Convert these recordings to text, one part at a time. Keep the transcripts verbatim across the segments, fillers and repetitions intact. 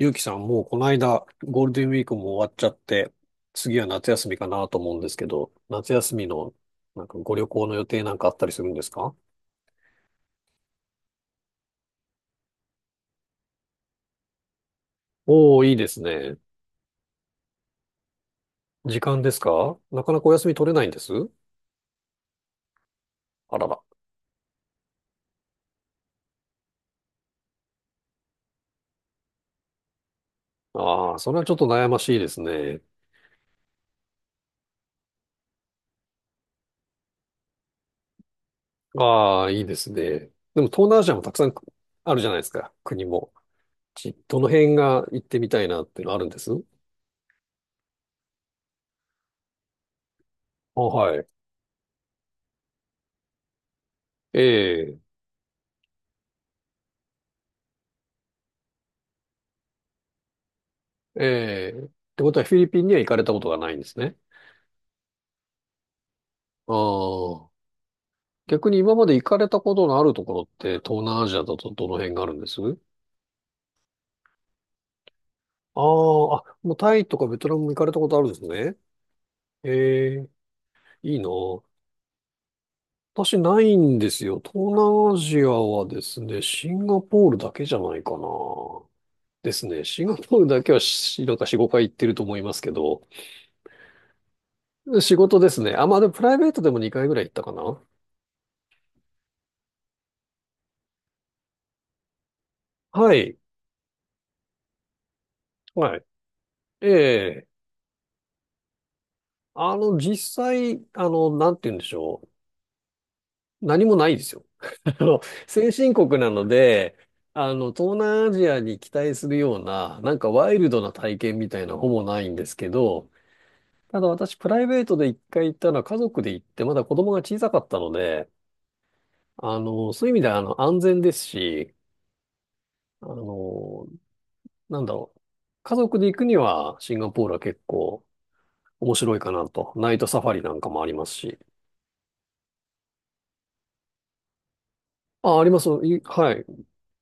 ゆうきさん、もうこの間、ゴールデンウィークも終わっちゃって、次は夏休みかなと思うんですけど、夏休みの、なんかご旅行の予定なんかあったりするんですか？おー、いいですね。時間ですか？なかなかお休み取れないんです。あらら。ああ、それはちょっと悩ましいですね。ああ、いいですね。でも東南アジアもたくさんあるじゃないですか、国も。ちどの辺が行ってみたいなっていうのあるんですあ、はい。ええ、ええ。ってことはフィリピンには行かれたことがないんですね。ああ。逆に今まで行かれたことのあるところって東南アジアだとどの辺があるんですああ、あ、もうタイとかベトナムも行かれたことあるんですね。ええ、いいな。私ないんですよ。東南アジアはですね、シンガポールだけじゃないかな。ですね。シンガポールだけはしなんかよん、ごかい行ってると思いますけど、仕事ですね。あ、まあでもプライベートでもにかいぐらい行ったかな。はい。はい。ええ。あの、実際、あの、なんて言うんでしょう。何もないですよ。あの、先進国なので、あの、東南アジアに期待するような、なんかワイルドな体験みたいなほぼないんですけど、ただ私、プライベートで一回行ったのは家族で行って、まだ子供が小さかったので、あの、そういう意味では、あの、安全ですし、あの、なんだろう。家族で行くには、シンガポールは結構面白いかなと。ナイトサファリなんかもありますし。あ、あります。いはい。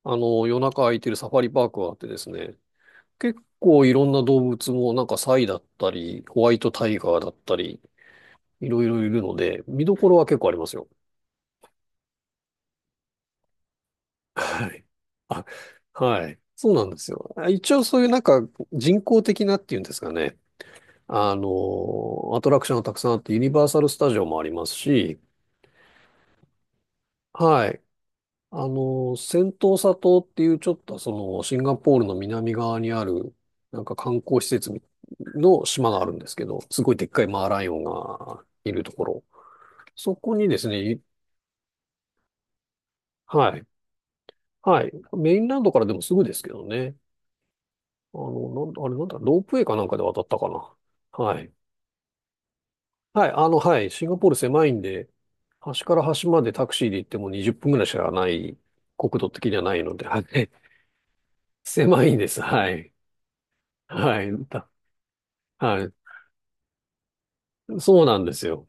あの、夜中空いてるサファリパークがあってですね。結構いろんな動物もなんかサイだったり、ホワイトタイガーだったり、いろいろいるので、見どころは結構ありますよ。はい。あ、はい。そうなんですよ。あ一応そういうなんか人工的なっていうんですかね。あの、アトラクションがたくさんあって、ユニバーサルスタジオもありますし、はい。あの、セントーサ島っていうちょっとそのシンガポールの南側にあるなんか観光施設の島があるんですけど、すごいでっかいマーライオンがいるところ。そこにですね、いはい、はい。メインランドからでもすぐですけどね。あの、なん、あれなんだ、ロープウェイかなんかで渡ったかな。はい。はい、あの、はい。シンガポール狭いんで、端から端までタクシーで行ってもにじゅっぷんぐらいしかない、国土的にはないので、はい。狭いんです。はい。はい。だ、はい。そうなんですよ。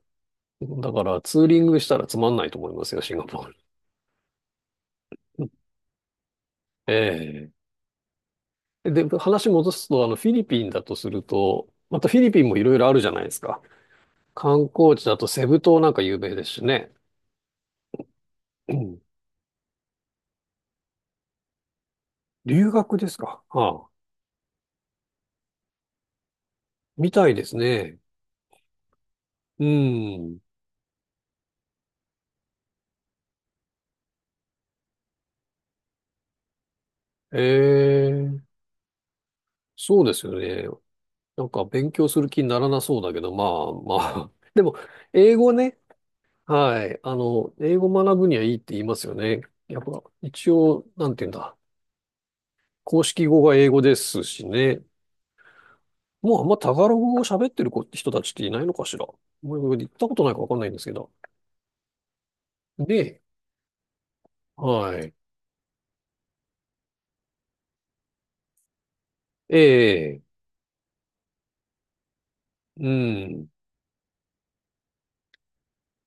だからツーリングしたらつまんないと思いますよ、シンガポール。ええ。で、話戻すと、あの、フィリピンだとすると、またフィリピンもいろいろあるじゃないですか。観光地だとセブ島なんか有名ですしね。うん。留学ですか？はあ、みたいですね。うん。ええ、そうですよね。なんか勉強する気にならなそうだけど、まあまあ。でも、英語ね。はい。あの、英語学ぶにはいいって言いますよね。やっぱ、一応、なんて言うんだ。公式語が英語ですしね。もうあんまタガログ語を喋ってる子人たちっていないのかしら。もう言ったことないかわかんないんですけど。で、はい。ええ。うん。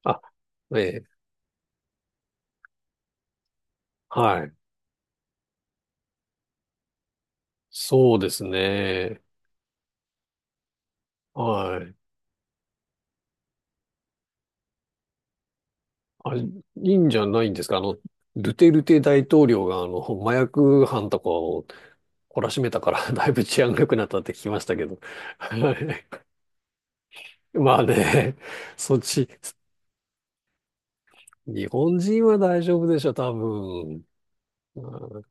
あ、ええ、はい。そうですね。はい。あ、いいんじゃないんですか。あの、ドゥテルテ大統領が、あの、麻薬犯とかを懲らしめたから、だいぶ治安が良くなったって聞きましたけど。はい。まあね、そっち、日本人は大丈夫でしょ、多分。うん。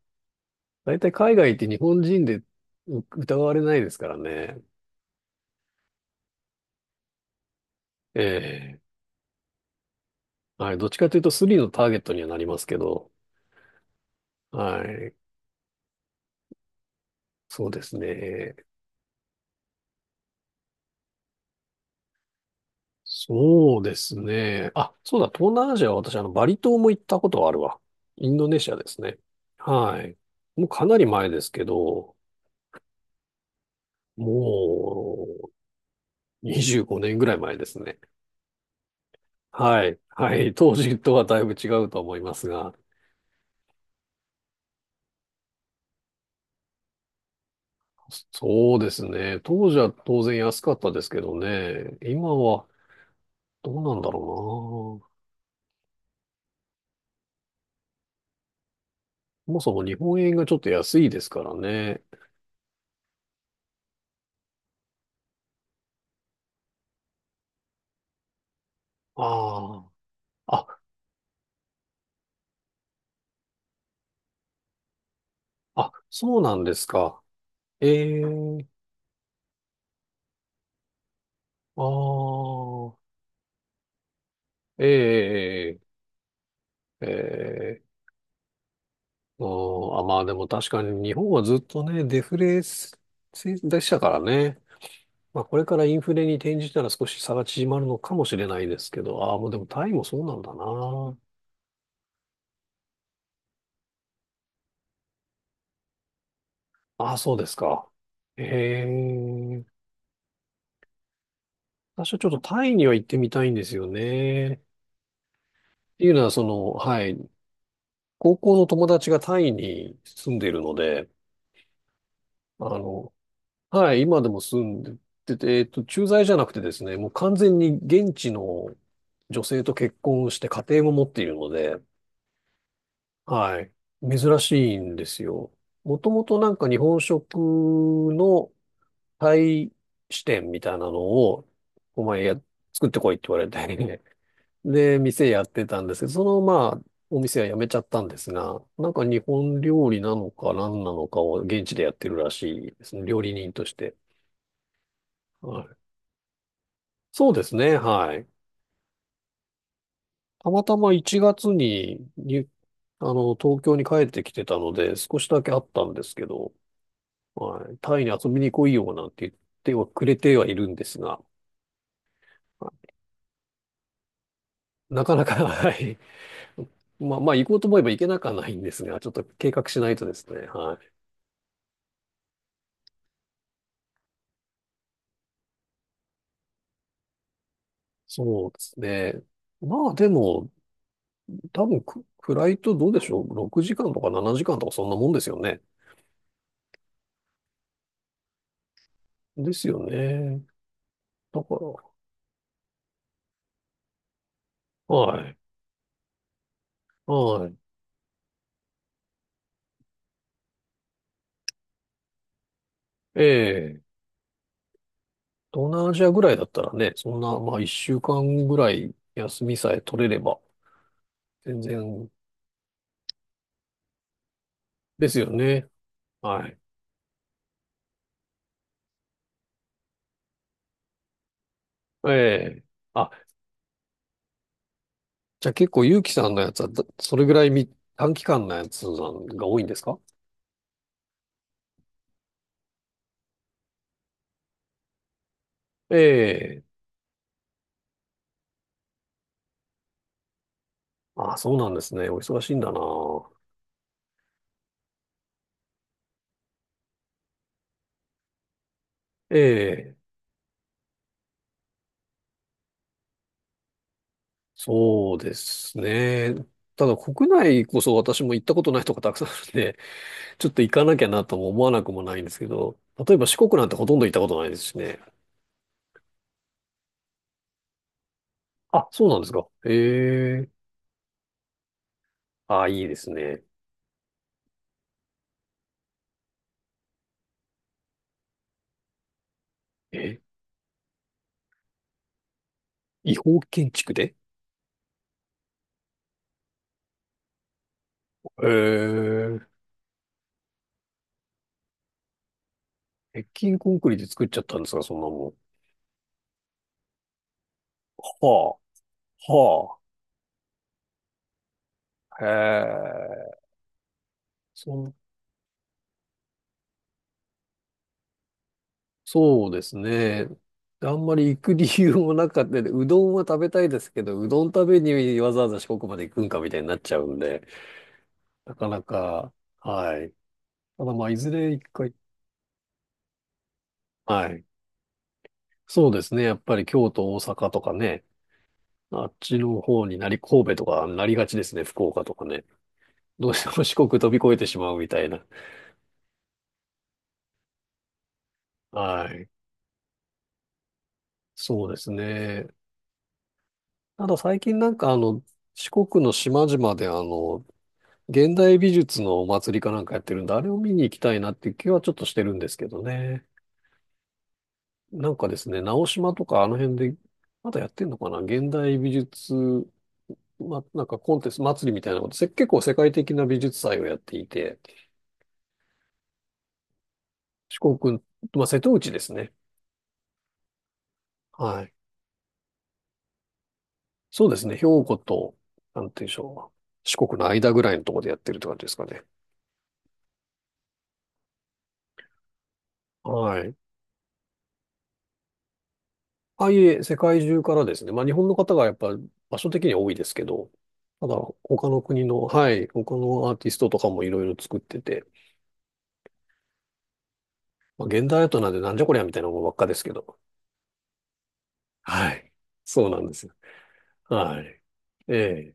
大体海外って日本人でう疑われないですからね。ええ。はい。どっちかというとスリのターゲットにはなりますけど。はい。そうですね。そうですね。あ、そうだ、東南アジアは私、あの、バリ島も行ったことはあるわ。インドネシアですね。はい。もうかなり前ですけど、もうにじゅうごねんぐらい前ですね。はい。はい。当時とはだいぶ違うと思いますが。そうですね。当時は当然安かったですけどね。今はどうなんだろうな。そもそも日本円がちょっと安いですからね。ああ。あ、あ、そうなんですか。ええ。ああ、ええええええ。うん。あ、まあでも確かに日本はずっとね、デフレすでしたからね。まあこれからインフレに転じたら少し差が縮まるのかもしれないですけど、ああ、もうでもタイもそうなんだな。ああ、そうですか。ええ。私はちょっとタイには行ってみたいんですよね。っていうのは、その、はい、高校の友達がタイに住んでいるので、あの、はい、今でも住んでて、えっと、駐在じゃなくてですね、もう完全に現地の女性と結婚して家庭も持っているので、はい、珍しいんですよ。もともとなんか日本食のタイ支店みたいなのを、お前や、作ってこいって言われて で、店やってたんですけど、そのまあ、お店は辞めちゃったんですが、なんか日本料理なのか何なのかを現地でやってるらしいですね、料理人として。そうですね、はい。たまたまいちがつに、に、あの、東京に帰ってきてたので、少しだけあったんですけど、はい、タイに遊びに来いよなんて言ってはくれてはいるんですが、なかなか、はい。まあ、まあ、行こうと思えば行けなくはないんですが、ちょっと計画しないとですね、はい。そうですね。まあ、でも、多分フフライトどうでしょう？ ろく 時間とかななじかんとかそんなもんですよね。ですよね。だから、はい。はい。ええ。東南アジアぐらいだったらね、そんな、まあ一週間ぐらい休みさえ取れれば、全然ですよね。はい。ええ。あ、じゃあ結構ゆうきさんのやつは、だそれぐらいみ短期間のやつなんが多いんですか？ええ。あ、そうなんですね。お忙しいんだな。ええ。そうですね。ただ国内こそ私も行ったことないとこたくさんあるんで、ちょっと行かなきゃなとも思わなくもないんですけど、例えば四国なんてほとんど行ったことないですしね。あ、そうなんですか。ええ。あ、いいですね。え、違法建築で？ええ。鉄筋コンクリで作っちゃったんですか、そんなもん。はあ、はあ、へえ。そん、そうですね。あんまり行く理由もなかったで、うどんは食べたいですけど、うどん食べにわざわざ四国まで行くんかみたいになっちゃうんで、なかなか、はい。ただまあ、いずれ一回、はい。そうですね。やっぱり京都、大阪とかね、あっちの方になり、神戸とかなりがちですね、福岡とかね。どうしても 四国飛び越えてしまうみたいな。はい。そうですね。ただ最近なんかあの、四国の島々であの、現代美術のお祭りかなんかやってるんで、あれを見に行きたいなっていう気はちょっとしてるんですけどね。なんかですね、直島とかあの辺で、まだやってんのかな現代美術、ま、なんかコンテスト祭りみたいなこと、せ結構世界的な美術祭をやっていて、四国、まあ、瀬戸内ですね。はい。そうですね。兵庫と、なんて言うんでしょう。四国の間ぐらいのところでやってるって感じですかね。はい。ああいえ、世界中からですね。まあ、日本の方がやっぱ場所的には多いですけど、ただ、他の国の、はい、他のアーティストとかもいろいろ作ってて、まあ、現代アートなんでなんじゃこりゃみたいなものばっかですけど。はい。そうなんですよ。はい。ええ